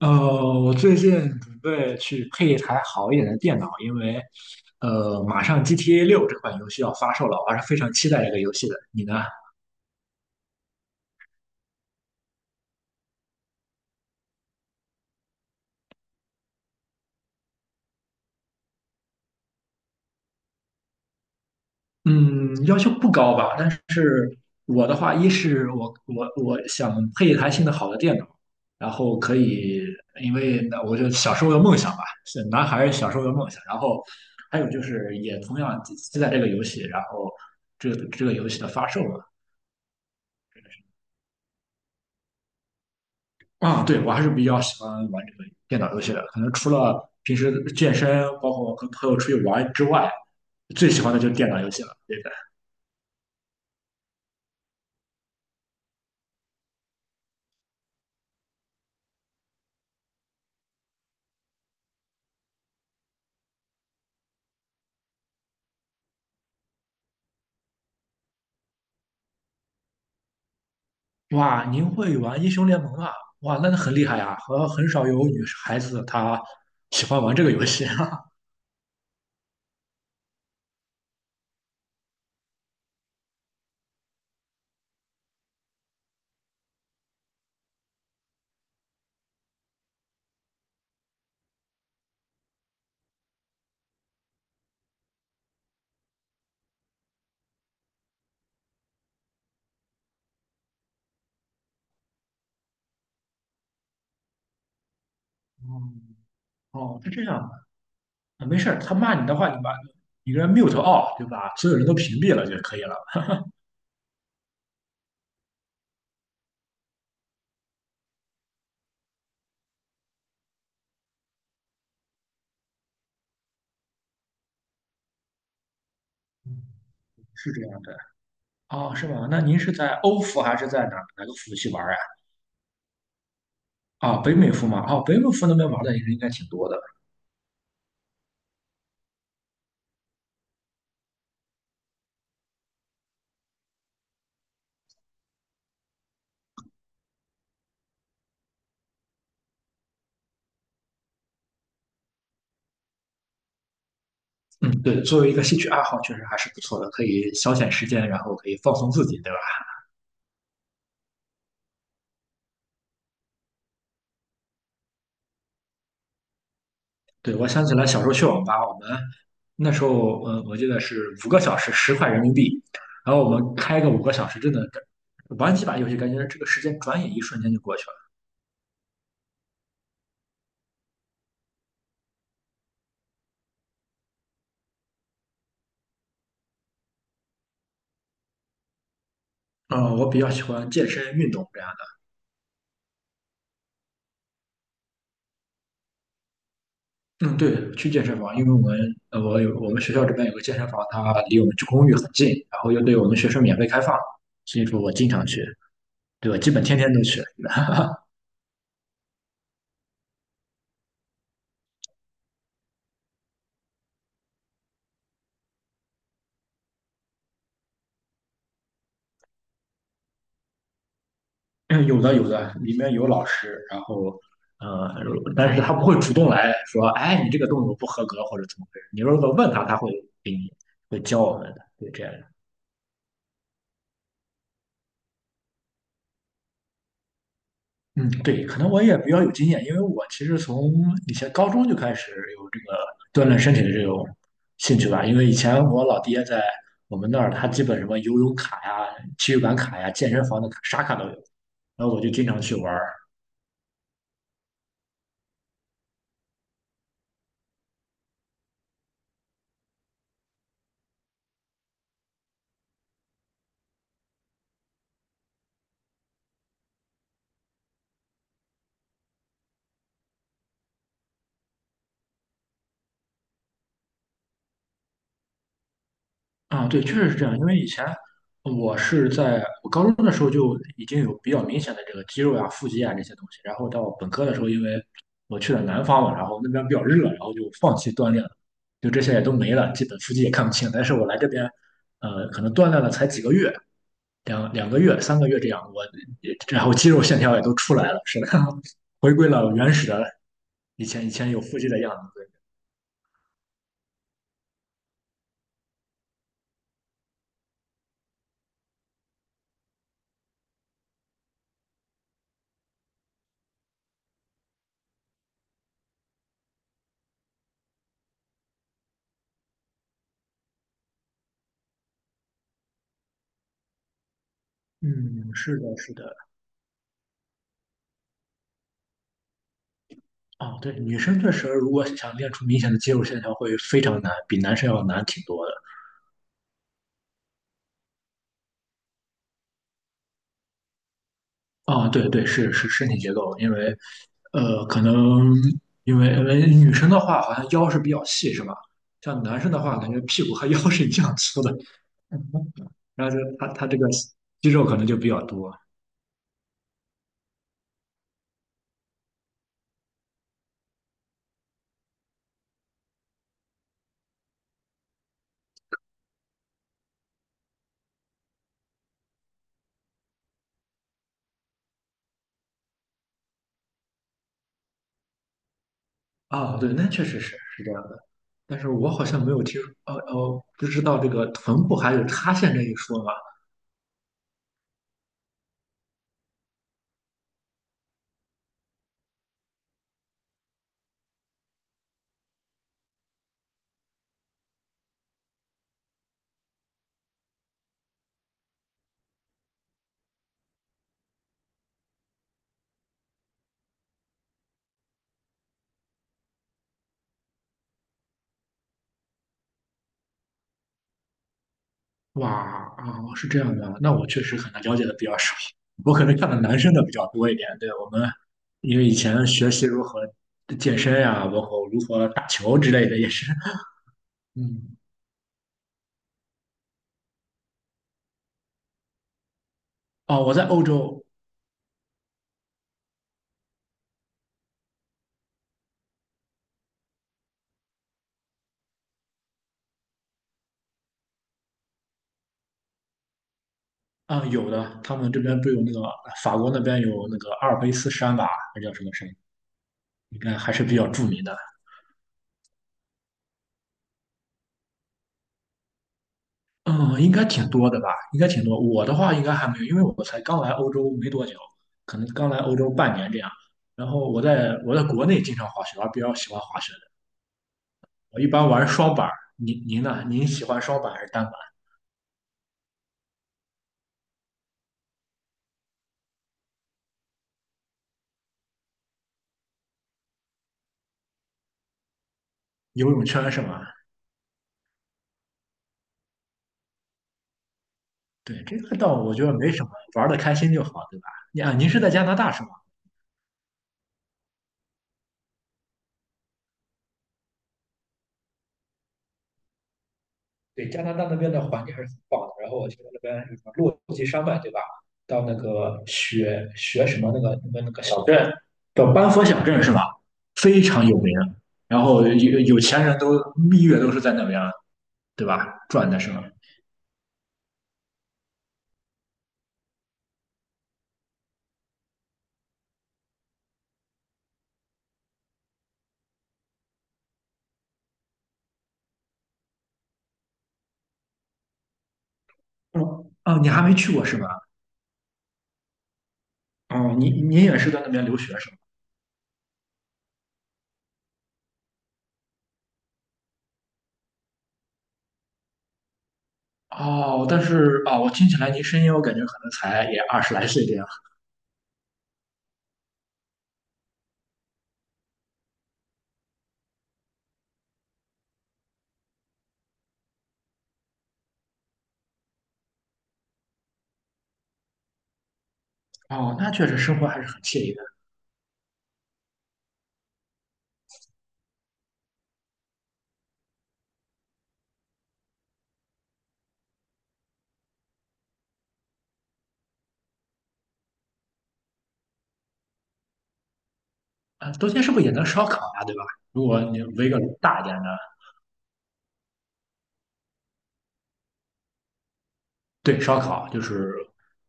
呃，我最近准备去配一台好一点的电脑，因为马上 GTA 六这款游戏要发售了，我还是非常期待这个游戏的。你呢？嗯，要求不高吧，但是我的话，一是我想配一台性能好的电脑，然后可以，因为那我就小时候的梦想吧，是男孩儿小时候的梦想。然后还有就是，也同样期待这个游戏，然后这个游戏的发售嘛。啊，对，我还是比较喜欢玩这个电脑游戏的。可能除了平时健身，包括跟朋友出去玩之外，最喜欢的就是电脑游戏了。对的。哇，您会玩英雄联盟啊？哇，那很厉害呀、和很少有女孩子她喜欢玩这个游戏啊。嗯，哦，是这样的。啊，没事儿，他骂你的话，你给他 mute off，对吧？所有人都屏蔽了就可以了。嗯，是这样的。哦，是吗？那您是在欧服还是在哪个服务器玩呀、啊？北美服吗？哦，北美服那边玩的人应该挺多的。嗯，对，作为一个兴趣爱好，确实还是不错的，可以消遣时间，然后可以放松自己，对吧？对，我想起来小时候去网吧，我们那时候，我记得是五个小时10块人民币，然后我们开个五个小时，真的玩几把游戏，感觉这个时间转眼一瞬间就过去了。嗯，我比较喜欢健身运动这样的。嗯，对，去健身房，因为我们我们学校这边有个健身房，它离我们公寓很近，然后又对我们学生免费开放，所以说我经常去，对，我基本天天都去。哎，有的有的，里面有老师，然后，呃，但是他不会主动来说，哎，你这个动作不合格或者怎么回事。你如果问他，他会给你会教我们的，对这样的。嗯，对，可能我也比较有经验，因为我其实从以前高中就开始有这个锻炼身体的这种兴趣吧。因为以前我老爹在我们那儿，他基本什么游泳卡呀、体育馆卡呀、健身房的卡啥卡都有，然后我就经常去玩。啊，对，确实是这样。因为以前我是在我高中的时候就已经有比较明显的这个肌肉呀、腹肌啊这些东西，然后到本科的时候，因为我去了南方嘛，然后那边比较热，然后就放弃锻炼了，就这些也都没了，基本腹肌也看不清。但是我来这边，可能锻炼了才几个月，两个月、3个月这样，然后肌肉线条也都出来了，是的，回归了原始的以前有腹肌的样子。对。嗯，是的，是的。哦，对，女生确实如果想练出明显的肌肉线条会非常难，比男生要难挺多的。哦，对对，是身体结构，因为可能因为女生的话好像腰是比较细，是吧？像男生的话，感觉屁股和腰是一样粗的。然后就他这个肌肉可能就比较多。啊，对，那确实是这样的，但是我好像没有听说，哦哦，不知道这个臀部还有塌陷这一说。哇，啊，是这样的，那我确实可能了解的比较少，我可能看的男生的比较多一点。对，我们因为以前学习如何健身呀、包括如何打球之类的，也是，嗯。哦，我在欧洲。啊、有的，他们这边不有那个法国那边有那个阿尔卑斯山吧，还叫什么山，应该还是比较著名的。嗯，应该挺多的吧？应该挺多。我的话应该还没有，因为我才刚来欧洲没多久，可能刚来欧洲半年这样。然后我在国内经常滑雪，我还比较喜欢滑雪的。我一般玩双板儿。您呢？您喜欢双板还是单板？游泳圈是吗？对，这个倒我觉得没什么，玩的开心就好，对吧？你啊，您是在加拿大是吗？对，加拿大那边的环境还是很棒的。然后我去那边有什么落基山脉，对吧？到那个雪什么那个小镇，叫班夫小镇是吧？非常有名。然后有有钱人都蜜月都是在那边，对吧？转的是吗？哦哦，你还没去过是吧？哦，你也是在那边留学是吗？哦，但是啊、我听起来您声音，我感觉可能才也二十来岁这样。哦，那确实生活还是很惬意的。啊，冬天是不是也能烧烤呀、对吧？如果你围个炉大一点的。对，烧烤就是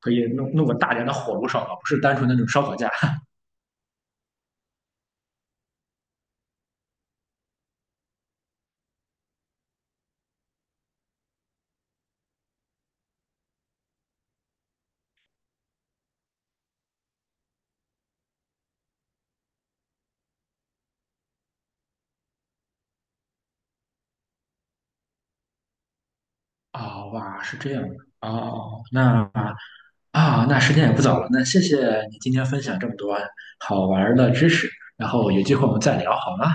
可以弄弄个大点的火炉烧烤，不是单纯的那种烧烤架。啊、哇，是这样的。哦，那时间也不早了，那谢谢你今天分享这么多好玩儿的知识，然后有机会我们再聊好吗？